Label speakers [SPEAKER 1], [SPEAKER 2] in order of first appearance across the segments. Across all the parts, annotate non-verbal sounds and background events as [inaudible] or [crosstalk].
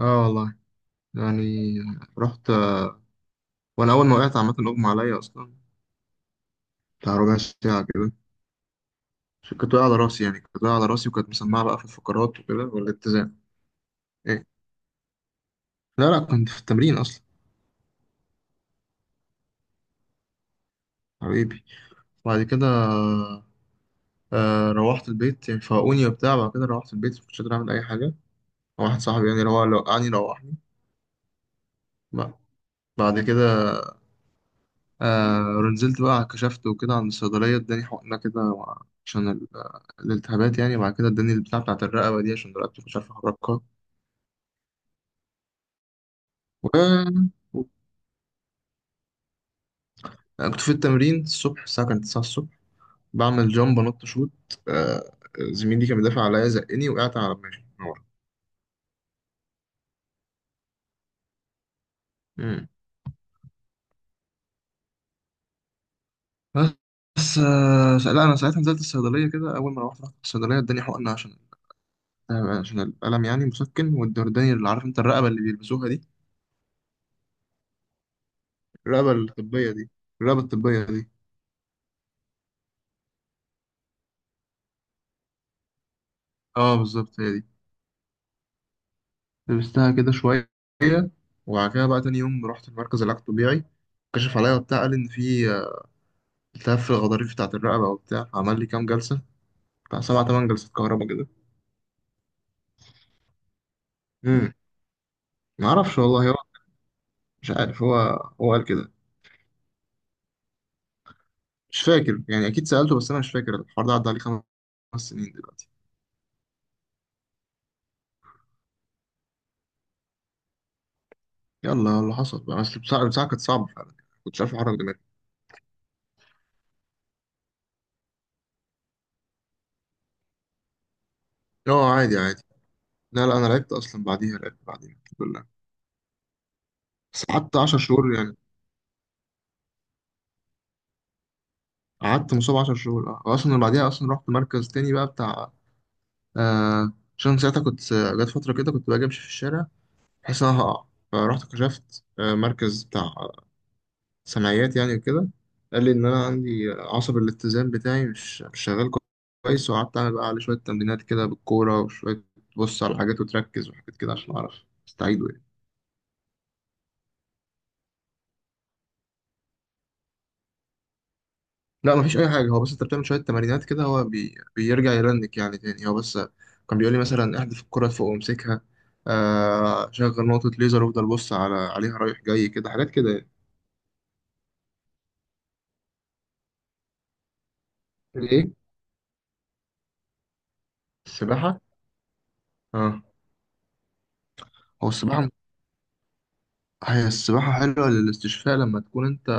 [SPEAKER 1] اه والله يعني رحت آه، وانا اول ما وقعت عامه اغمى عليا اصلا بتاع ربع ساعه كده. عشان كنت واقع على راسي، يعني كنت واقع على راسي، وكانت مسمعه بقى في الفقرات وكده والاتزان. ايه؟ لا لا، كنت في التمرين اصلا. حبيبي. بعد كده روحت البيت يعني، فاقوني وبتاع، بعد كده روحت البيت مش قادر اعمل اي حاجه. واحد صاحبي يعني روح وقعني روحني بقى. بعد كده ونزلت بقى، كشفت وكده عند الصيدلية، اداني حقنة كده عشان الالتهابات يعني، وبعد كده اداني البتاع بتاعت الرقبة دي، عشان رقبتي مش عارف أحركها و... كنت في التمرين الصبح، الساعة كانت 9 الصبح، بعمل جامب أنط شوت. آه زميلي كان بيدافع عليا زقني، وقعت على دماغي من ورا. مم. بس لا، أنا ساعتها نزلت الصيدلية كده، أول ما روحت رحت الصيدلية اداني حقنة عشان الألم، يعني مسكن، واداني اللي عارف أنت الرقبة اللي بيلبسوها دي، الرقبة الطبية دي الرقبة الطبية دي اه بالظبط هي دي. لبستها كده شوية، وبعد كده بقى تاني يوم رحت المركز العلاج الطبيعي، كشف عليا وبتاع، قال إن في التهاب في الغضاريف بتاعة الرقبة وبتاع، عمل لي كام جلسة، بتاع سبع تمن جلسات كهرباء كده. امم معرفش والله، هو مش عارف، هو قال كده. مش فاكر يعني، أكيد سألته بس أنا مش فاكر، الحوار ده عدى عليه 5 سنين دلوقتي. يلا، اللي حصل بقى، بس البساعة كانت صعبة فعلا، كنتش عارف أحرك دماغي. اه، عادي عادي. لا لا، أنا لعبت أصلا بعديها، لعبت بعديها الحمد لله. بس قعدت 10 شهور يعني، قعدت مصاب 10 شهور، اه اصلا بعديها اصلا رحت مركز تاني بقى بتاع، آه عشان ساعتها كنت، جت فترة كده كنت باجي امشي في الشارع بحس ان انا هقع، فرحت كشفت مركز بتاع سمعيات يعني وكده، قال لي ان انا عندي عصب الاتزان بتاعي مش شغال كويس، وقعدت اعمل بقى عليه شوية تمرينات كده بالكورة، وشوية تبص على حاجات وتركز وحاجات كده عشان اعرف استعيده يعني. لا، مفيش اي حاجه، هو بس انت بتعمل شويه تمارينات كده، هو بيرجع يرنك يعني تاني. هو بس كان بيقول لي مثلا احذف الكره فوق وامسكها، شغل نقطه ليزر، وافضل بص عليها رايح جاي كده، حاجات كده يعني. ايه؟ السباحه؟ اه. هو السباحه هي السباحه حلوه للاستشفاء لما تكون انت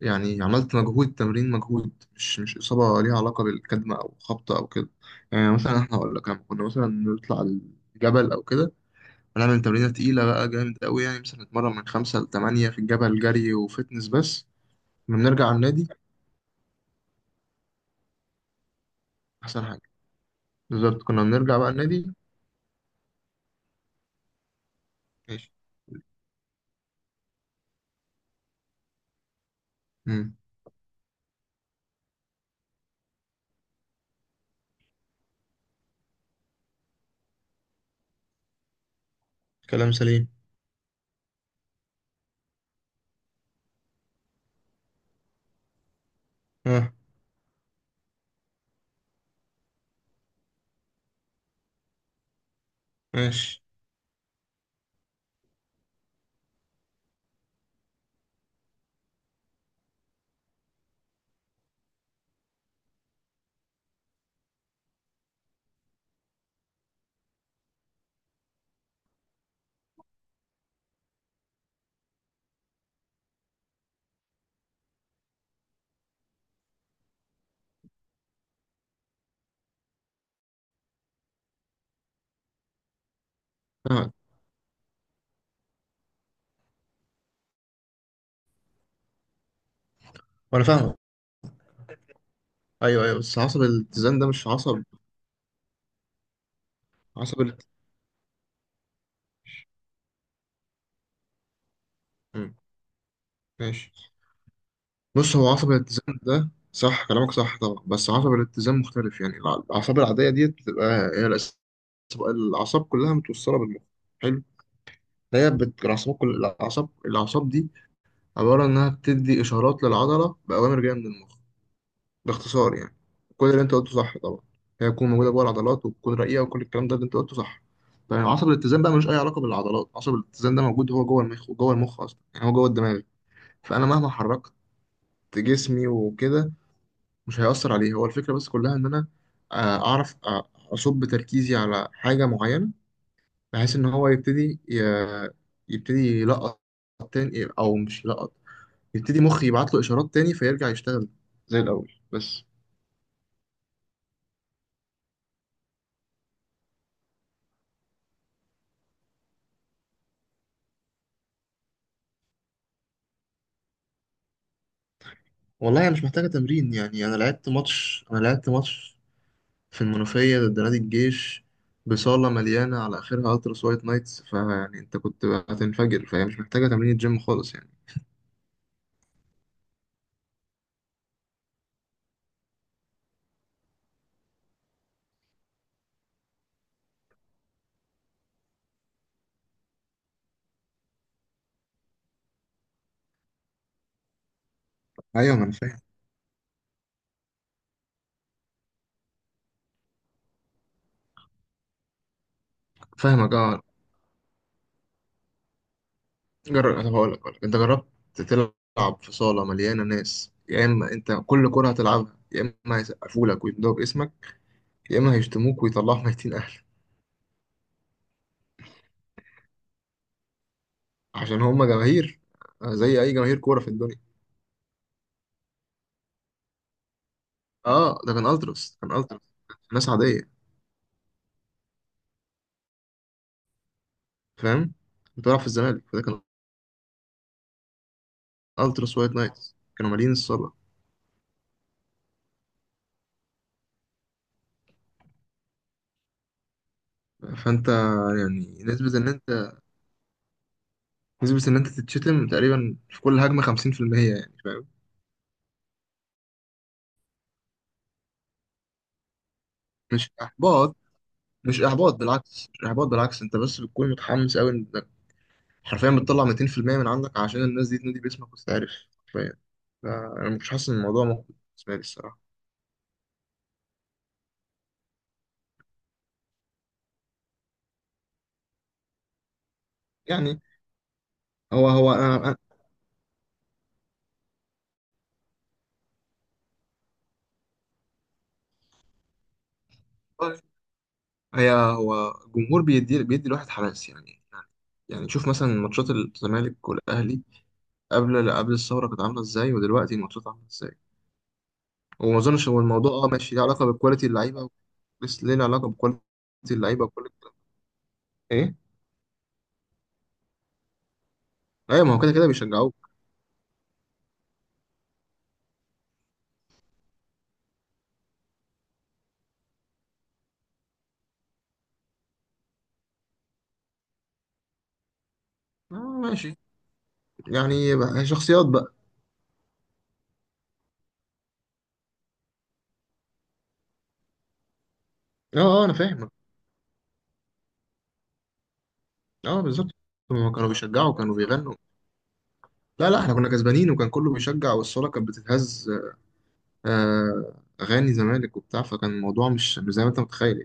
[SPEAKER 1] يعني عملت مجهود، تمرين مجهود، مش اصابه ليها علاقه بالكدمه او خبطه او كده، يعني مثلا احنا اقول لك لما كنا مثلا نطلع الجبل او كده، هنعمل تمرينة تقيلة بقى جامد قوي، يعني مثلا نتمرن من خمسة لتمانية في الجبل جري وفتنس، بس لما بنرجع على النادي أحسن حاجة. بالظبط كنا بنرجع بقى النادي. ماشي. مم. كلام سليم. اه، ماشي. فاهمك. وأنا فاهمك، أيوه أيوه، بس عصب الاتزان ده مش عصب. عصب الات... مم. ماشي. بص، هو عصب الاتزان ده صح، كلامك صح طبعا، بس عصب الاتزان مختلف يعني، الأعصاب العادية ديت بتبقى هي، الأعصاب كلها متوصلة بالمخ. حلو. الأعصاب، كل الأعصاب دي عبارة إنها بتدي إشارات للعضلة بأوامر جاية من المخ، باختصار يعني، كل اللي أنت قلته صح طبعا، هي تكون موجودة جوه العضلات وتكون رقيقة، وكل الكلام ده اللي أنت قلته صح. طيب عصب الاتزان بقى ملوش أي علاقة بالعضلات، عصب الاتزان ده موجود هو جوه المخ، وجوه المخ أصلا يعني، هو جوه الدماغ. فأنا مهما حركت جسمي وكده مش هيأثر عليه، هو الفكرة بس كلها إن أنا أعرف أصب تركيزي على حاجة معينة، بحيث إن هو يبتدي يبتدي يلقط تاني، أو مش يلقط، يبتدي مخي يبعت له اشارات تاني فيرجع يشتغل زي الاول بس. والله انا مش محتاجه تمرين، يعني انا لعبت ماتش في المنوفيه ضد نادي الجيش، بصاله مليانه على اخرها التراس وايت نايتس، فيعني انت كنت هتنفجر، فهي مش محتاجه تمرين جيم خالص يعني. ايوه، ما انا فاهم. فاهمك، اه. جرب، طب هقول لك. انت جربت تلعب في صاله مليانه ناس، يا اما انت كل كره هتلعبها يا اما هيسقفوا لك ويمدوا باسمك، يا اما هيشتموك ويطلعوا ميتين اهلك، عشان هما جماهير، زي اي جماهير كوره في الدنيا. اه، ده كان التراس، ناس عاديه. فاهم؟ بتلعب في الزمالك، فده كان التراس وايت نايتس، كانوا مالين الصاله. فانت يعني، نسبه ان انت تتشتم تقريبا في كل هجمه 50%، يعني فاهم؟ مش احباط، مش احباط بالعكس، انت بس بتكون متحمس قوي انك حرفيا بتطلع 200% من عندك عشان الناس دي تنادي باسمك وتتعرف، حرفيا. فانا مش حاسس ان الموضوع ممكن بالنسبه لي الصراحه، يعني هو انا، أنا- هو جمهور بيدي الواحد حماس، يعني شوف مثلا ماتشات الزمالك والاهلي قبل الثوره كانت عامله ازاي، ودلوقتي الماتشات عامله ازاي. وما اظنش هو الموضوع، اه ماشي، ليه علاقه بكواليتي اللعيبه، بس ليه له علاقه بكواليتي اللعيبه وكل الكلام. ايه؟ ايوه، ما هو كده كده بيشجعوك. اه، ماشي. يعني شخصيات بقى. اه اه، انا فاهمك. اه بالظبط، هما كانوا بيشجعوا، كانوا بيغنوا. لا لا، احنا كنا كسبانين، وكان كله بيشجع والصاله كانت بتتهز، آه، اغاني زمالك وبتاع، فكان الموضوع مش زي ما انت متخيل.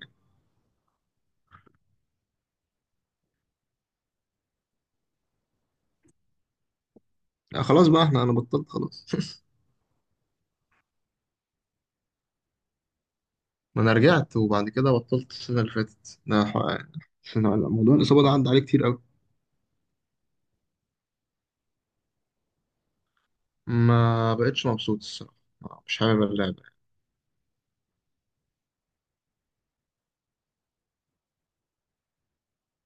[SPEAKER 1] لا خلاص بقى، انا بطلت خلاص [laughs] ما انا رجعت وبعد كده بطلت، السنه اللي فاتت ده السنة- موضوع الاصابه ده عدى عليه كتير قوي. ما بقتش مبسوط الصراحه، مش حابب اللعبه.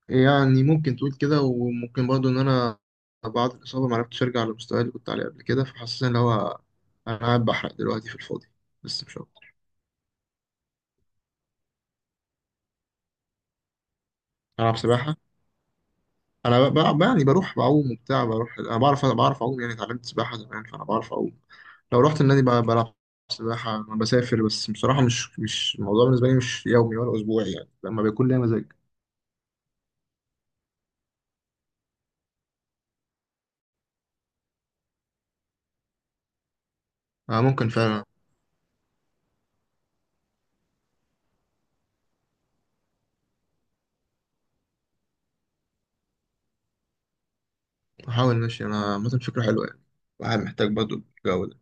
[SPEAKER 1] يعني ممكن تقول كده، وممكن برضو ان انا بعد الاصابه ما عرفتش ارجع للمستوى اللي كنت عليه قبل كده، فحاسس ان انا قاعد بحرق دلوقتي في الفاضي، بس مش اكتر. العب سباحه. انا بلعب يعني، بروح بعوم وبتاع، بروح انا بعرف اعوم يعني، اتعلمت سباحه زمان فانا بعرف اعوم. لو رحت النادي بقى بلعب سباحة. أنا بسافر بس، بصراحة مش الموضوع بالنسبة لي، مش يومي ولا أسبوعي، يعني لما بيكون ليا مزاج أنا ممكن فعلا. أحاول، ماشي، أنا مثلا فكرة حلوة يعني، الواحد محتاج برضه الجو ده.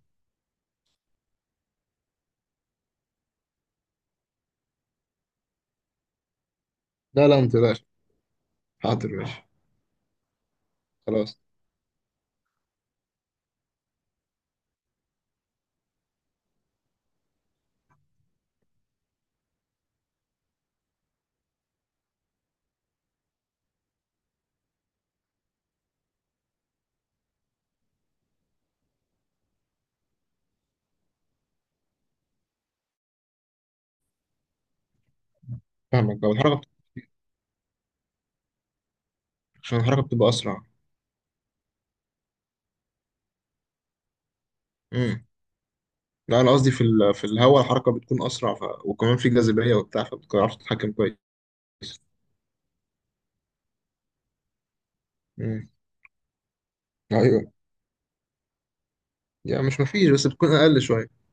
[SPEAKER 1] لا لا، متقلقش. حاضر، ماشي، خلاص. فاهمك، بقى الحركة عشان الحركة بتبقى أسرع. امم لا، أنا قصدي في الهواء الحركة بتكون أسرع، وكمان في جاذبية وبتاع، فبتعرف تتحكم كويس. امم. أيوه، يعني مش مفيش بس بتكون أقل شوية.